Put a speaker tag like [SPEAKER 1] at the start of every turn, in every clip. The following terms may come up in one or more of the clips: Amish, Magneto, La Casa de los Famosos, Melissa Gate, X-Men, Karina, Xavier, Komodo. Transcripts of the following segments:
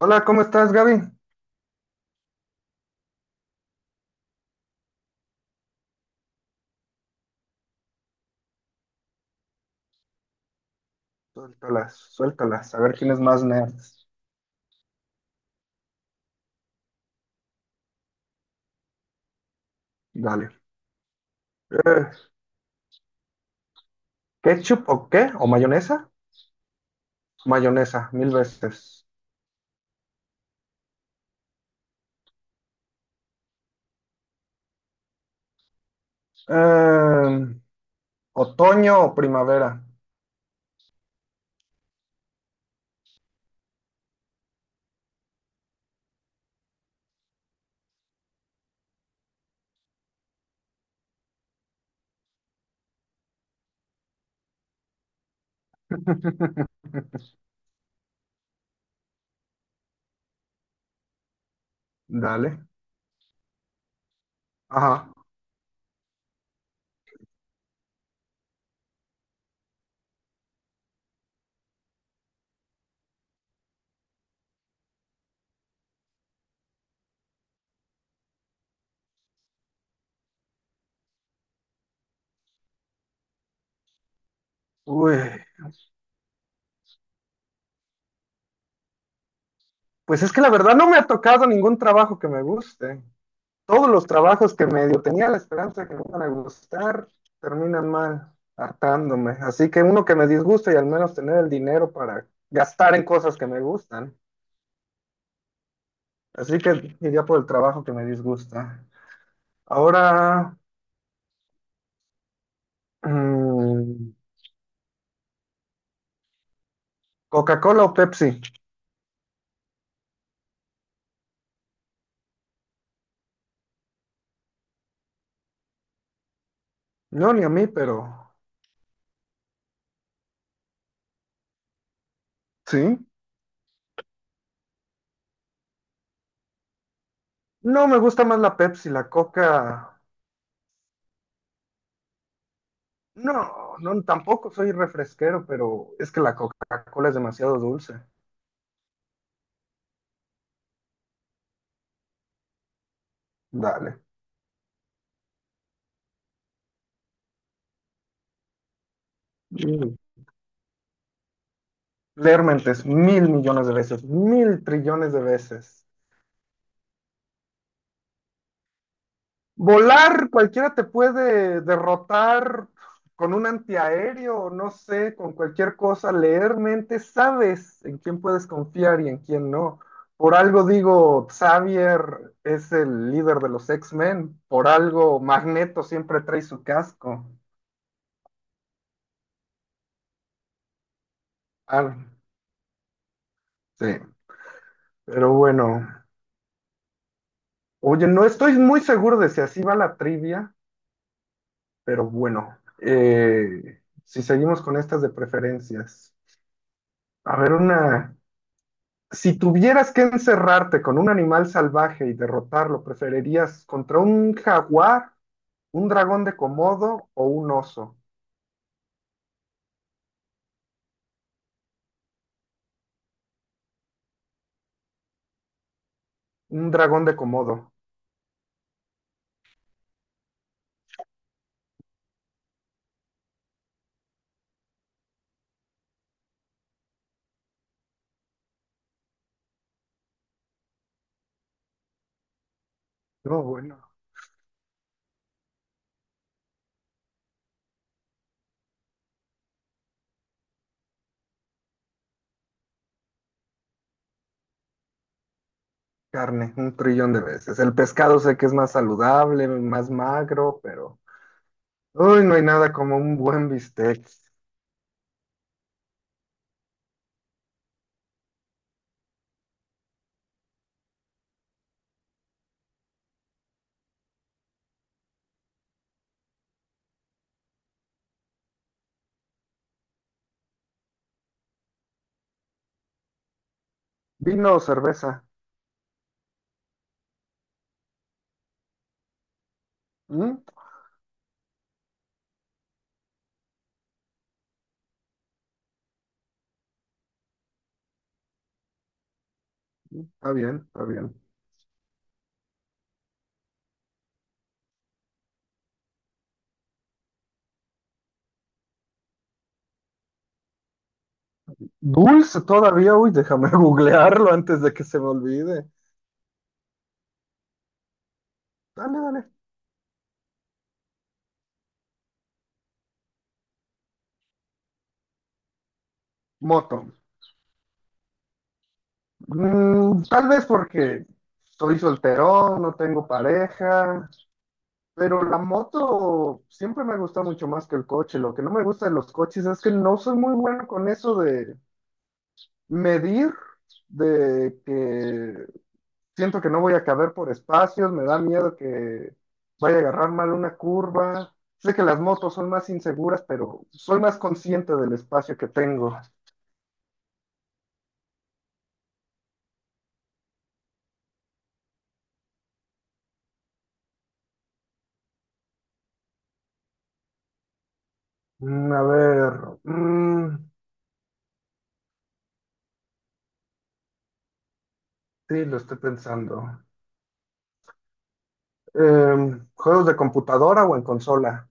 [SPEAKER 1] Hola, ¿cómo estás, Gaby? Suéltalas, suéltalas, a ver quién es más nerd. Dale. Eh, ¿Ketchup o qué? ¿O mayonesa? Mayonesa, mil veces. Eh, ¿Otoño o primavera? Dale. Ajá. Uy, pues es que la verdad no me ha tocado ningún trabajo que me guste. Todos los trabajos que medio tenía la esperanza de que me iban a gustar terminan mal, hartándome. Así que uno que me disgusta y al menos tener el dinero para gastar en cosas que me gustan. Así que iría por el trabajo que me disgusta. Ahora, mm, ¿Coca-Cola o Pepsi? No, ni a mí, pero sí. No, me gusta más la Pepsi, la Coca. No, no, tampoco soy refresquero, pero es que la Coca-Cola es demasiado dulce. Dale. Mm. Leer mentes, mil millones de veces, mil trillones de veces. Volar, cualquiera te puede derrotar con un antiaéreo, no sé, con cualquier cosa, leer mente, sabes en quién puedes confiar y en quién no. Por algo digo, Xavier es el líder de los X-Men, por algo Magneto siempre trae su casco. Ah, sí, pero bueno. Oye, no estoy muy seguro de si así va la trivia, pero bueno, si seguimos con estas de preferencias. A ver, una. Si tuvieras que encerrarte con un animal salvaje y derrotarlo, ¿preferirías contra un jaguar, un dragón de Komodo o un oso? Un dragón de Komodo. No, bueno, carne, un trillón de veces. El pescado sé que es más saludable, más magro, pero... Uy, no hay nada como un buen bistec. ¿Vino o cerveza? ¿Mm? Está bien, está bien. Dulce todavía, uy, déjame googlearlo antes de que se me olvide. Dale, dale. Moto. Mm, tal vez porque soy solterón, no tengo pareja, pero la moto siempre me ha gustado mucho más que el coche. Lo que no me gusta de los coches es que no soy muy bueno con eso de medir, de que siento que no voy a caber por espacios, me da miedo que vaya a agarrar mal una curva. Sé que las motos son más inseguras, pero soy más consciente del espacio que tengo. Mm, a ver, mm, sí, lo estoy pensando. Eh, ¿juegos de computadora o en consola?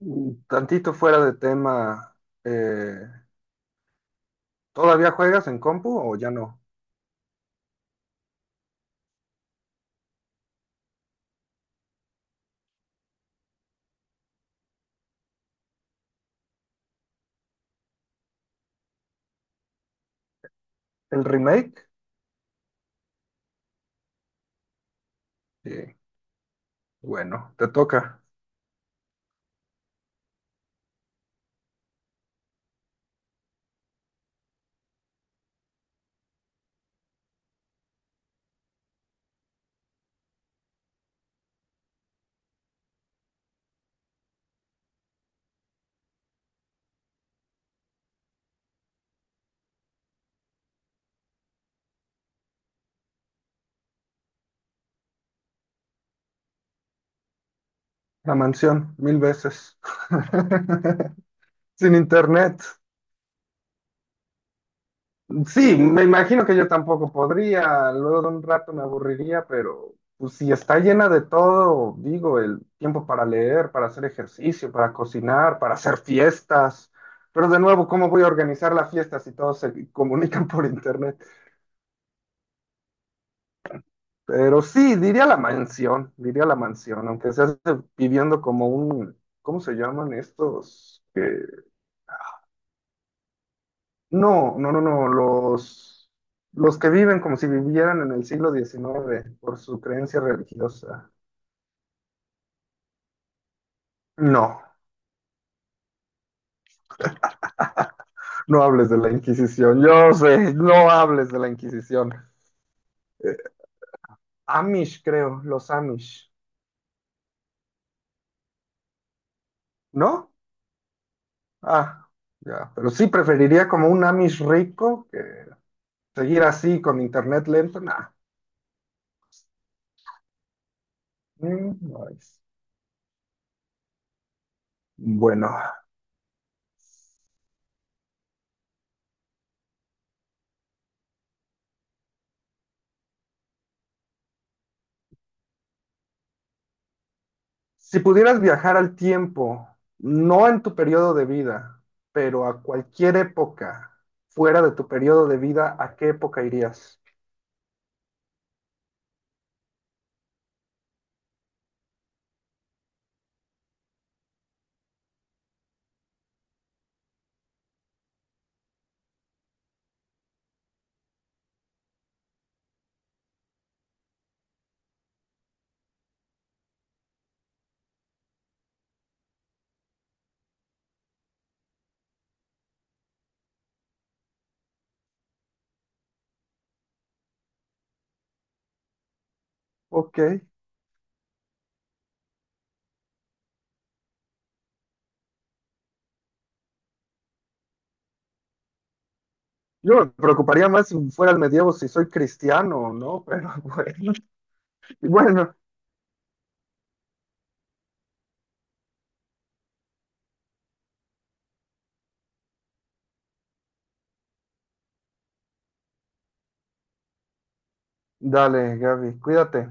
[SPEAKER 1] Mm, tantito fuera de tema. eh, ¿Todavía juegas en compu o ya no? El remake. Sí, bueno, te toca. La mansión, mil veces. Sin internet. Sí, me imagino que yo tampoco podría, luego de un rato me aburriría, pero pues, si está llena de todo, digo, el tiempo para leer, para hacer ejercicio, para cocinar, para hacer fiestas, pero de nuevo, ¿cómo voy a organizar la fiesta si todos se comunican por internet? Pero sí, diría la mansión, aunque sea viviendo como un, ¿cómo se llaman estos? No, no, no, no, los que viven como si vivieran en el siglo XIX por su creencia religiosa. No, no hables de la Inquisición, yo sé, no hables de la Inquisición. Eh, Amish, creo, los Amish, ¿no? Ah, ya, pero sí preferiría como un Amish rico que seguir así con internet lento, nah. Mm, no es. Bueno, si pudieras viajar al tiempo, no en tu periodo de vida, pero a cualquier época fuera de tu periodo de vida, ¿a qué época irías? Ok. Yo me preocuparía más si fuera el medievo, si soy cristiano o no, pero bueno. Bueno, dale, Gaby, cuídate.